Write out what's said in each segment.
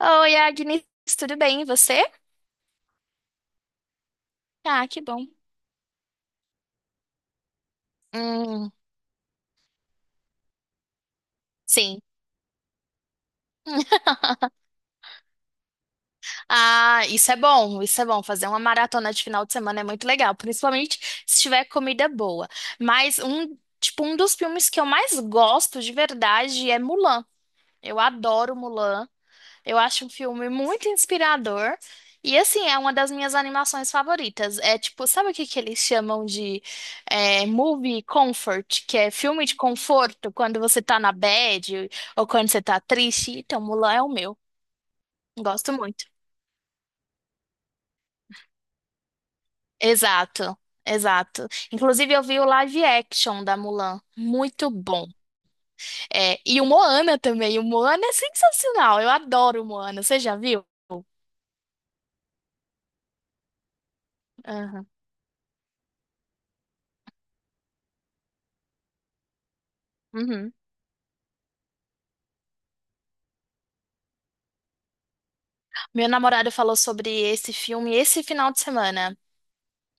Oi, Agnes, tudo bem? E você? Ah, que bom. Hum, sim. Ah, isso é bom, isso é bom. Fazer uma maratona de final de semana é muito legal, principalmente se tiver comida boa. Mas um dos filmes que eu mais gosto de verdade é Mulan. Eu adoro Mulan. Eu acho um filme muito inspirador. E assim, é uma das minhas animações favoritas. É tipo, sabe o que que eles chamam de movie comfort, que é filme de conforto quando você tá na bad ou quando você tá triste? Então, Mulan é o meu. Gosto muito. Exato, exato. Inclusive, eu vi o live action da Mulan. Muito bom. É, e o Moana também. O Moana é sensacional. Eu adoro o Moana. Você já viu? Aham. Uhum. Meu namorado falou sobre esse filme esse final de semana.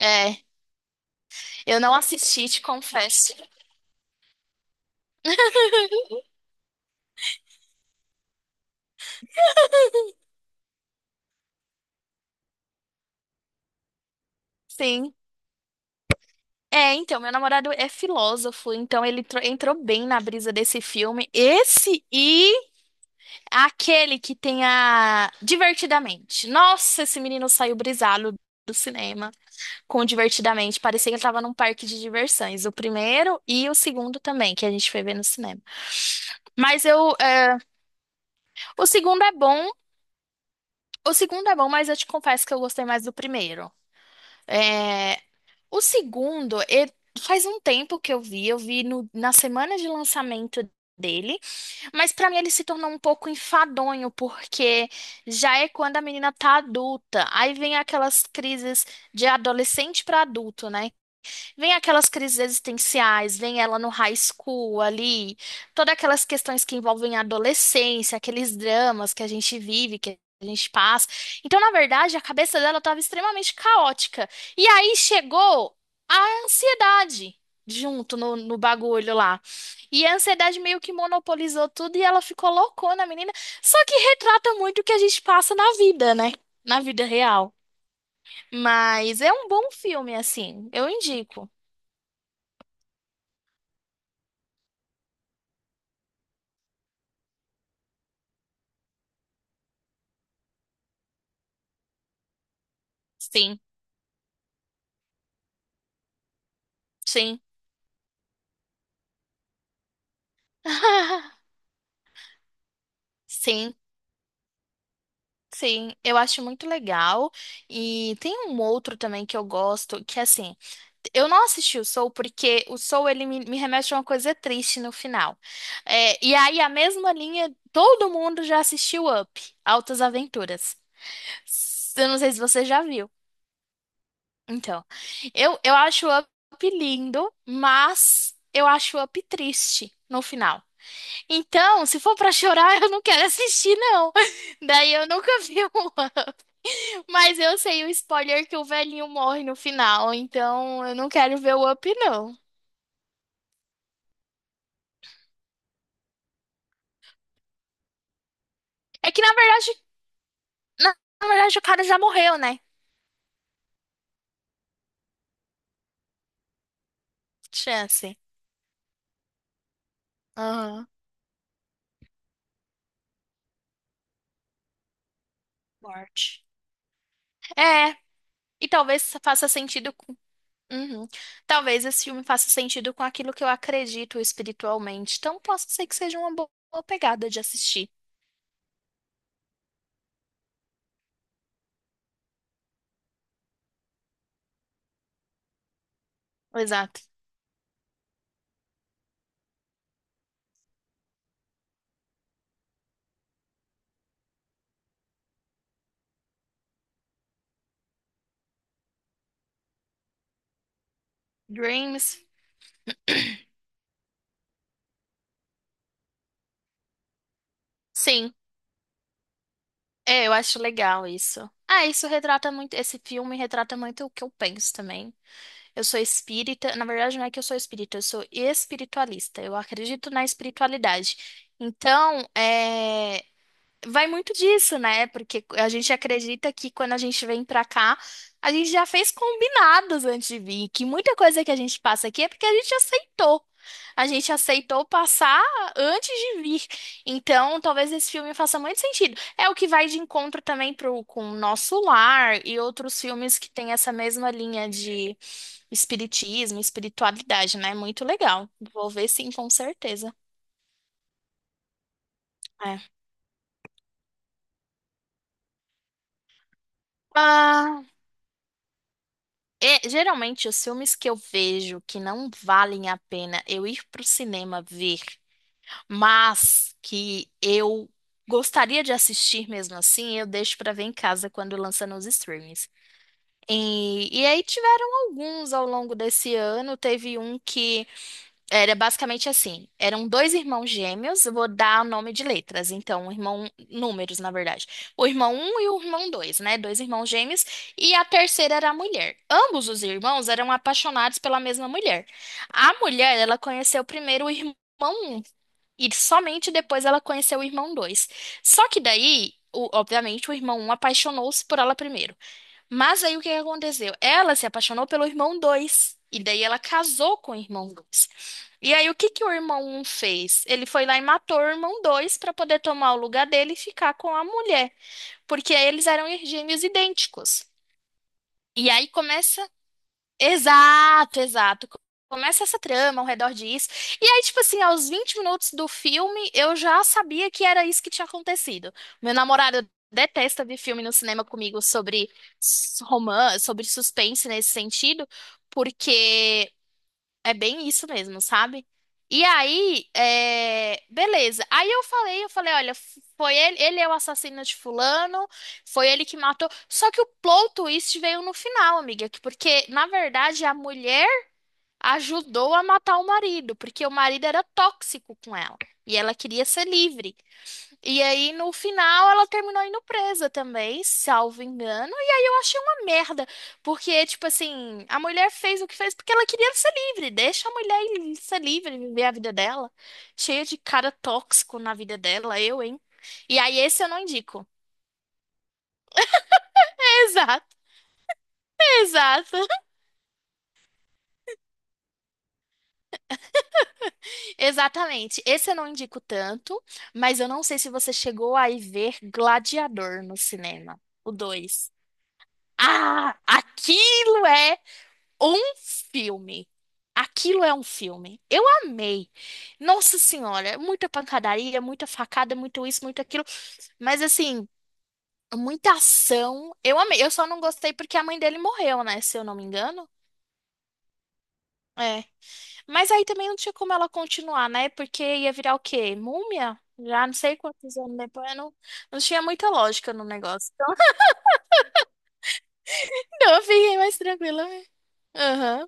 É, eu não assisti, te confesso. Sim. É, então, meu namorado é filósofo, então entrou bem na brisa desse filme. Esse e aquele que tem a Divertidamente. Nossa, esse menino saiu brisado do cinema com Divertidamente. Parecia que ele tava num parque de diversões. O primeiro e o segundo também, que a gente foi ver no cinema. Mas eu, é, o segundo é bom. O segundo é bom, mas eu te confesso que eu gostei mais do primeiro. É, o segundo, ele- faz um tempo que eu vi, na semana de lançamento dele, mas pra mim ele se tornou um pouco enfadonho, porque já é quando a menina tá adulta, aí vem aquelas crises de adolescente pra adulto, né? Vem aquelas crises existenciais, vem ela no high school ali, todas aquelas questões que envolvem a adolescência, aqueles dramas que a gente vive, que a gente passa. Então, na verdade, a cabeça dela estava extremamente caótica. E aí chegou a ansiedade junto no bagulho lá. E a ansiedade meio que monopolizou tudo e ela ficou loucona, a menina. Só que retrata muito o que a gente passa na vida, né? Na vida real. Mas é um bom filme, assim. Eu indico. Sim. Sim. Sim, sim, eu acho muito legal. E tem um outro também que eu gosto, que é assim, eu não assisti o Soul porque o Soul ele me remete a uma coisa triste no final. É, e aí a mesma linha, todo mundo já assistiu Up, Altas Aventuras. Eu não sei se você já viu. Então, eu acho o Up lindo, mas eu acho o Up triste no final. Então, se for pra chorar, eu não quero assistir, não. Daí eu nunca vi um Up. Mas eu sei o spoiler que o velhinho morre no final, então eu não quero ver o Up, não. É que na verdade, na, na verdade o cara já morreu, né? Chance. Aham. Morte. É, e talvez faça sentido com. Uhum. Talvez esse filme faça sentido com aquilo que eu acredito espiritualmente. Então, posso ser que seja uma boa pegada de assistir. Exato. Dreams. Sim. É, eu acho legal isso. Ah, isso retrata muito, esse filme retrata muito o que eu penso também. Eu sou espírita, na verdade não é que eu sou espírita, eu sou espiritualista. Eu acredito na espiritualidade. Então, é, vai muito disso, né? Porque a gente acredita que quando a gente vem pra cá, a gente já fez combinados antes de vir, que muita coisa que a gente passa aqui é porque a gente aceitou. A gente aceitou passar antes de vir. Então, talvez esse filme faça muito sentido. É o que vai de encontro também pro, com o Nosso Lar e outros filmes que têm essa mesma linha de espiritismo, espiritualidade, né? Muito legal. Vou ver sim, com certeza. É. Ah, é, geralmente, os filmes que eu vejo que não valem a pena eu ir pro cinema ver, mas que eu gostaria de assistir mesmo assim, eu deixo pra ver em casa quando lança nos streams. E aí tiveram alguns ao longo desse ano. Teve um que era basicamente assim. Eram dois irmãos gêmeos, eu vou dar nome de letras, então, um irmão, números, na verdade. O irmão um e o irmão dois, né? Dois irmãos gêmeos, e a terceira era a mulher. Ambos os irmãos eram apaixonados pela mesma mulher. A mulher, ela conheceu primeiro o irmão um e somente depois ela conheceu o irmão dois. Só que daí, obviamente, o irmão um apaixonou-se por ela primeiro. Mas aí o que que aconteceu? Ela se apaixonou pelo irmão dois. E daí ela casou com o irmão 2 e aí, o que que o irmão um fez? Ele foi lá e matou o irmão 2 para poder tomar o lugar dele e ficar com a mulher, porque eles eram gêmeos idênticos. E aí começa. Exato, exato. Começa essa trama ao redor disso. E aí, tipo assim, aos 20 minutos do filme, eu já sabia que era isso que tinha acontecido. Meu namorado detesta ver filme no cinema comigo sobre romance, sobre suspense nesse sentido, porque é bem isso mesmo, sabe? E aí, é, beleza. Eu falei, olha, foi ele, ele é o assassino de fulano, foi ele que matou. Só que o plot twist veio no final, amiga, porque na verdade a mulher ajudou a matar o marido, porque o marido era tóxico com ela e ela queria ser livre. E aí, no final, ela terminou indo presa também, salvo engano. E aí eu achei uma merda, porque, tipo assim, a mulher fez o que fez porque ela queria ser livre. Deixa a mulher ser livre, viver a vida dela. Cheia de cara tóxico na vida dela, eu, hein? E aí, esse eu não indico. Exato, exato. Exatamente. Esse eu não indico tanto, mas eu não sei se você chegou a ir ver Gladiador no cinema, o dois. Ah, aquilo é um filme. Aquilo é um filme. Eu amei. Nossa Senhora, é muita pancadaria, muita facada, muito isso, muito aquilo. Mas assim, muita ação. Eu amei. Eu só não gostei porque a mãe dele morreu, né? Se eu não me engano. É. Mas aí também não tinha como ela continuar, né? Porque ia virar o quê? Múmia? Já não sei quantos anos depois. Não, não tinha muita lógica no negócio. Então eu fiquei mais tranquila, né? Aham.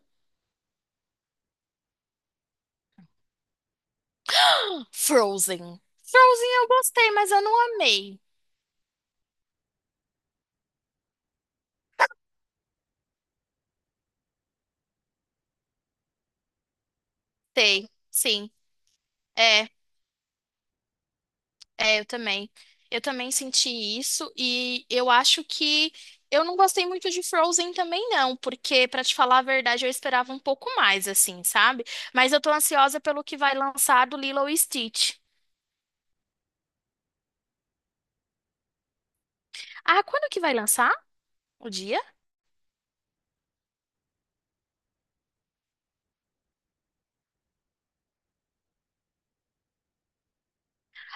Frozen. Frozen eu gostei, mas eu não amei. Sei, sim. É, é, eu também. Eu também senti isso e eu acho que eu não gostei muito de Frozen também não, porque pra te falar a verdade, eu esperava um pouco mais assim, sabe? Mas eu tô ansiosa pelo que vai lançar do Lilo e Stitch. Ah, quando que vai lançar? O dia?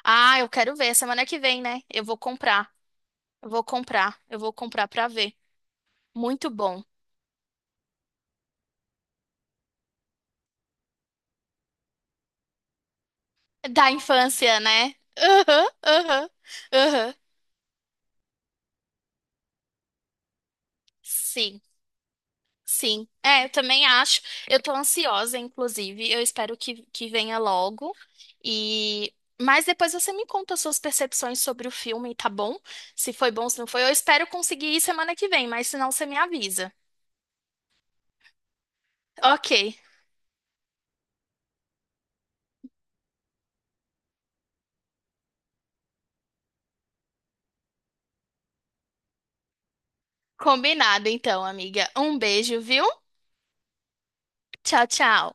Ah, eu quero ver, semana que vem, né? Eu vou comprar. Eu vou comprar. Eu vou comprar pra ver. Muito bom. Da infância, né? Aham, aham, aham. Sim. Sim, é, eu também acho. Eu tô ansiosa, inclusive. Eu espero que venha logo. E mas depois você me conta suas percepções sobre o filme, tá bom? Se foi bom, se não foi. Eu espero conseguir ir semana que vem, mas se não, você me avisa. Ok, combinado então, amiga. Um beijo, viu? Tchau, tchau.